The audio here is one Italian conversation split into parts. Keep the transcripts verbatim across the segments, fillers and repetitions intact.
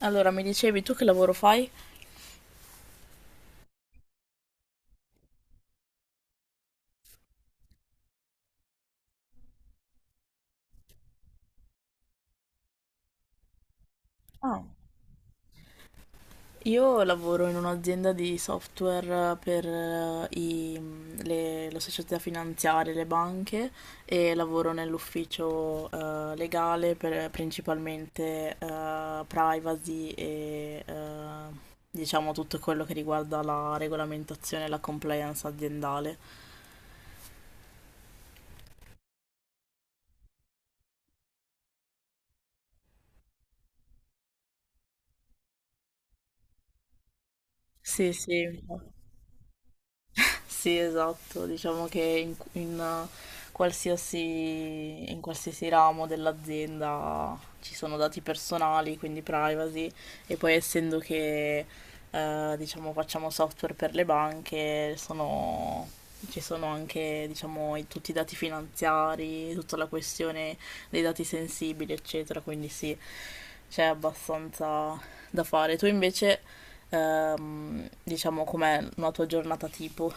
Allora, mi dicevi tu che lavoro fai? Ah, io lavoro in un'azienda di software eh, per eh, i- le, le società finanziarie, le banche e lavoro nell'ufficio eh, legale, per principalmente eh, privacy e eh, diciamo tutto quello che riguarda la regolamentazione e la compliance aziendale. Sì, sì. Sì, esatto, diciamo che in, in eh, qualsiasi, in qualsiasi ramo dell'azienda ci sono dati personali, quindi privacy, e poi essendo che eh, diciamo, facciamo software per le banche, sono- ci sono anche, diciamo, i- tutti i dati finanziari, tutta la questione dei dati sensibili, eccetera, quindi sì, c'è abbastanza da fare. Tu invece, ehm, diciamo, com'è una tua giornata tipo?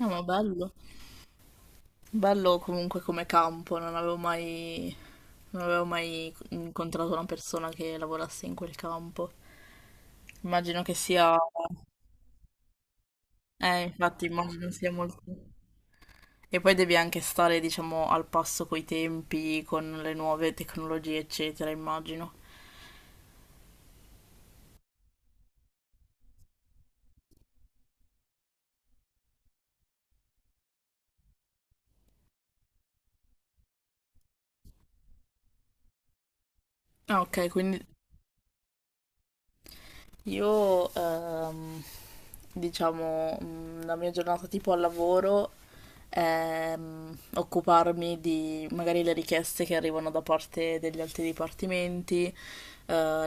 No, ma bello. Bello comunque come campo, non avevo mai, non avevo mai incontrato una persona che lavorasse in quel campo. Immagino che sia... Eh, infatti immagino sia molto... E poi devi anche stare, diciamo, al passo coi tempi, con le nuove tecnologie, eccetera, immagino. Ah, ok, quindi io, ehm, diciamo, mm, la mia giornata tipo al lavoro è, mm, occuparmi di magari le richieste che arrivano da parte degli altri dipartimenti, eh,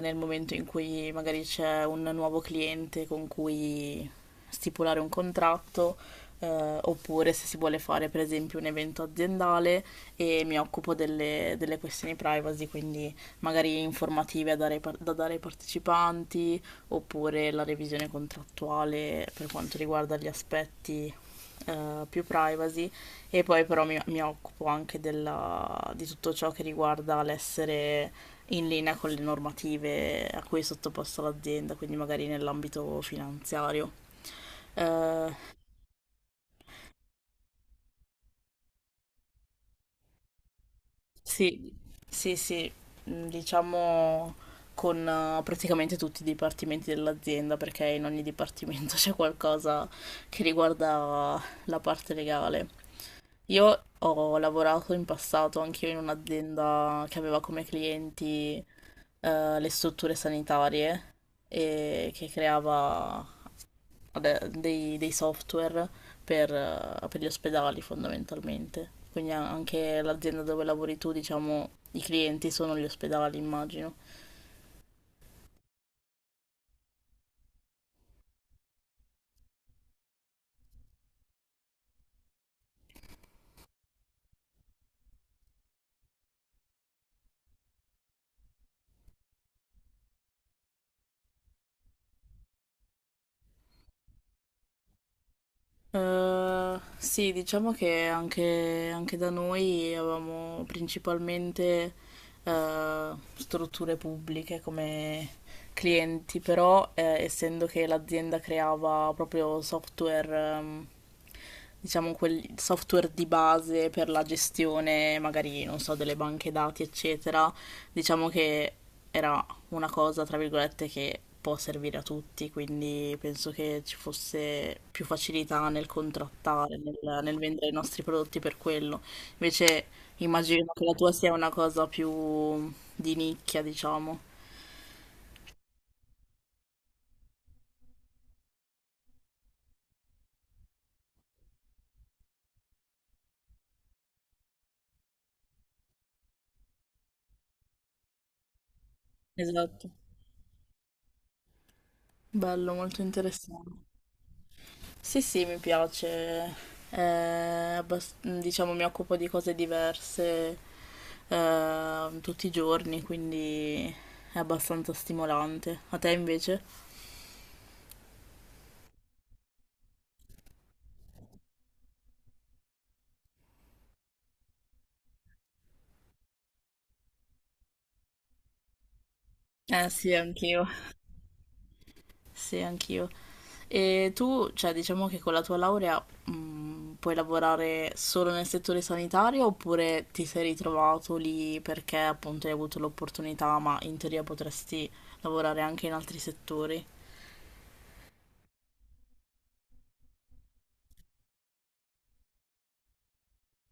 nel momento in cui magari c'è un nuovo cliente con cui stipulare un contratto, eh, oppure se si vuole fare per esempio un evento aziendale, e mi occupo delle, delle questioni privacy, quindi magari informative da dare ai par- da dare ai partecipanti, oppure la revisione contrattuale per quanto riguarda gli aspetti eh, più privacy, e poi però mi, mi occupo anche della- di tutto ciò che riguarda l'essere in linea con le normative a cui è sottoposta l'azienda, quindi magari nell'ambito finanziario. Eh, sì, sì, sì, mm, diciamo con eh, praticamente tutti i dipartimenti dell'azienda, perché in ogni dipartimento c'è qualcosa che riguarda la parte legale. Io ho lavorato in passato anche io in un'azienda che aveva come clienti eh, le strutture sanitarie e che creava ade- dei, dei software per, eh, per gli ospedali fondamentalmente. Quindi a- anche l'azienda dove lavori tu, diciamo, i clienti sono gli ospedali, immagino. Eh, sì, diciamo che anche, anche da noi avevamo principalmente eh, strutture pubbliche come clienti, però eh, essendo che l'azienda creava proprio software, ehm, diciamo quel software di base per la gestione, magari, non so, delle banche dati, eccetera, diciamo che era una cosa, tra virgolette, che può servire a tutti, quindi penso che ci fosse più facilità nel contrattare, nel, nel vendere i nostri prodotti per quello. Invece immagino che la tua sia una cosa più di nicchia, diciamo. Esatto. Bello, molto interessante. Sì, sì, mi piace. Eh, abbas- diciamo, mi occupo di cose diverse eh, tutti i giorni, quindi è abbastanza stimolante. A te invece? Eh sì, anch'io. Sì, anch'io. E tu, cioè, diciamo che con la tua laurea, mh, puoi lavorare solo nel settore sanitario, oppure ti sei ritrovato lì perché appunto hai avuto l'opportunità, ma in teoria potresti lavorare anche in altri settori?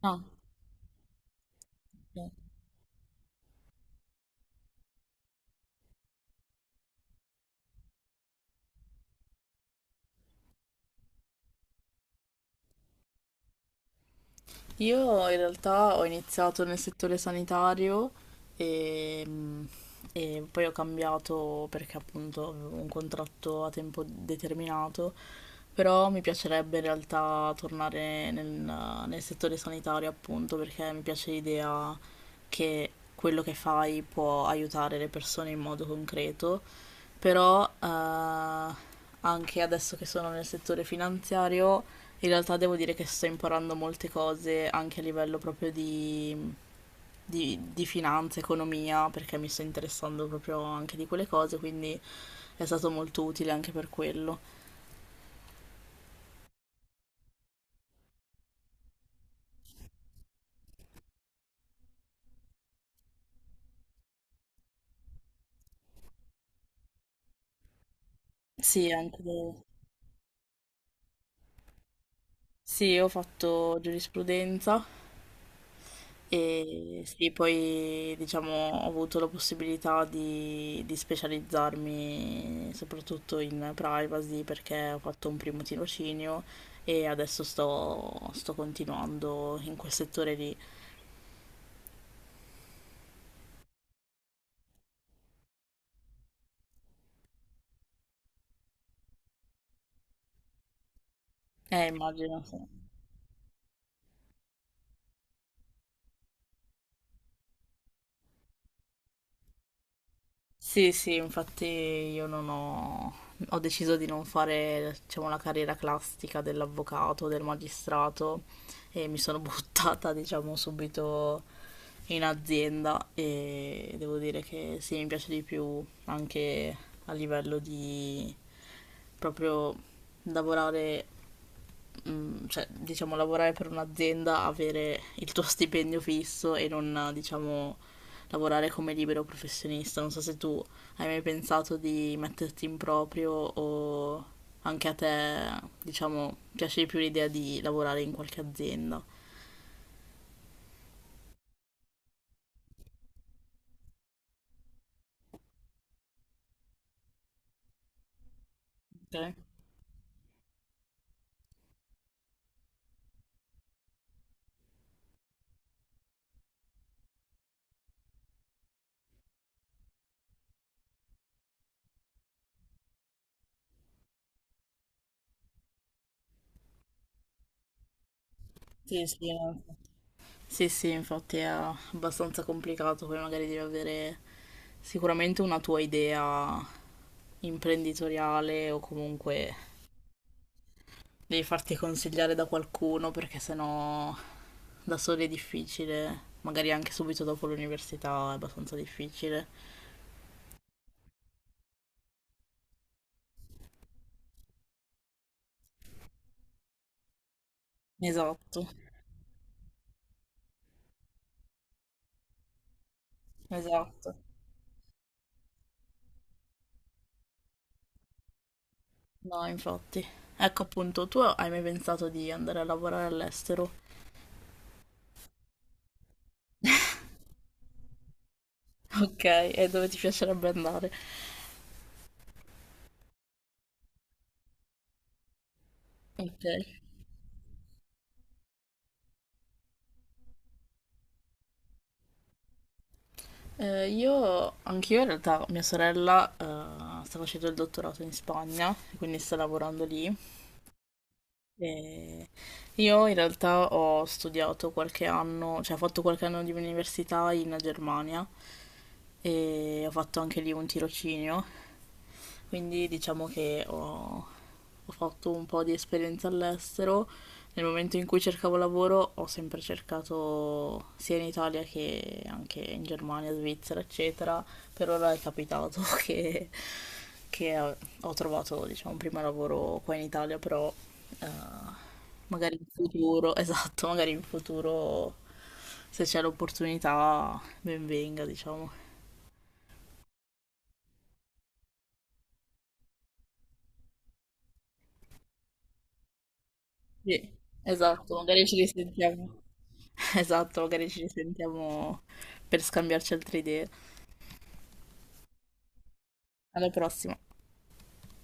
No. Ok. Io in realtà ho iniziato nel settore sanitario e, mh, e poi ho cambiato perché appunto avevo un contratto a tempo determinato. Però mi piacerebbe in realtà tornare nel, nel settore sanitario, appunto, perché mi piace l'idea che quello che fai può aiutare le persone in modo concreto. Però eh, anche adesso che sono nel settore finanziario, in realtà devo dire che sto imparando molte cose anche a livello proprio di, di, di finanza, economia, perché mi sto interessando proprio anche di quelle cose, quindi è stato molto utile anche per quello. Sì, anche... Sì, io ho fatto giurisprudenza e sì, poi diciamo ho avuto la possibilità di, di specializzarmi soprattutto in privacy, perché ho fatto un primo tirocinio e adesso sto, sto continuando in quel settore lì. Eh, immagino, sì. Sì, sì, infatti io non ho... ho deciso di non fare, diciamo, la carriera classica dell'avvocato, del magistrato, e mi sono buttata, diciamo, subito in azienda, e devo dire che sì, mi piace di più anche a livello di proprio lavorare, mm, cioè, diciamo, lavorare per un'azienda, avere il tuo stipendio fisso e non, diciamo, lavorare come libero professionista. Non so se tu hai mai pensato di metterti in proprio, o anche a te, diciamo, piace di più l'idea di lavorare in qualche azienda. Ok. Sì, sì, no. Sì, sì, infatti è abbastanza complicato, poi magari devi avere sicuramente una tua idea imprenditoriale o comunque devi farti consigliare da qualcuno, perché sennò da soli è difficile, magari anche subito dopo l'università è abbastanza difficile. Esatto, esatto. No, infatti. Ecco appunto, tu hai mai pensato di andare a lavorare all'estero? Ok, e dove ti piacerebbe andare? Ok. Eh, io, anch'io in realtà, mia sorella eh, sta facendo il dottorato in Spagna, quindi sta lavorando lì. Eh, io in realtà ho studiato qualche anno, cioè ho fatto qualche anno di università in Germania, e ho fatto anche lì un tirocinio, quindi diciamo che ho, ho fatto un po' di esperienza all'estero. Nel momento in cui cercavo lavoro ho sempre cercato sia in Italia che anche in Germania, Svizzera, eccetera. Per ora è capitato che, che ho trovato, diciamo, un primo lavoro qua in Italia, però, eh, magari in futuro, esatto, magari in futuro, se c'è l'opportunità, ben venga, diciamo. Sì, esatto, magari ci risentiamo. Esatto, magari ci risentiamo per scambiarci altre idee. Alla prossima.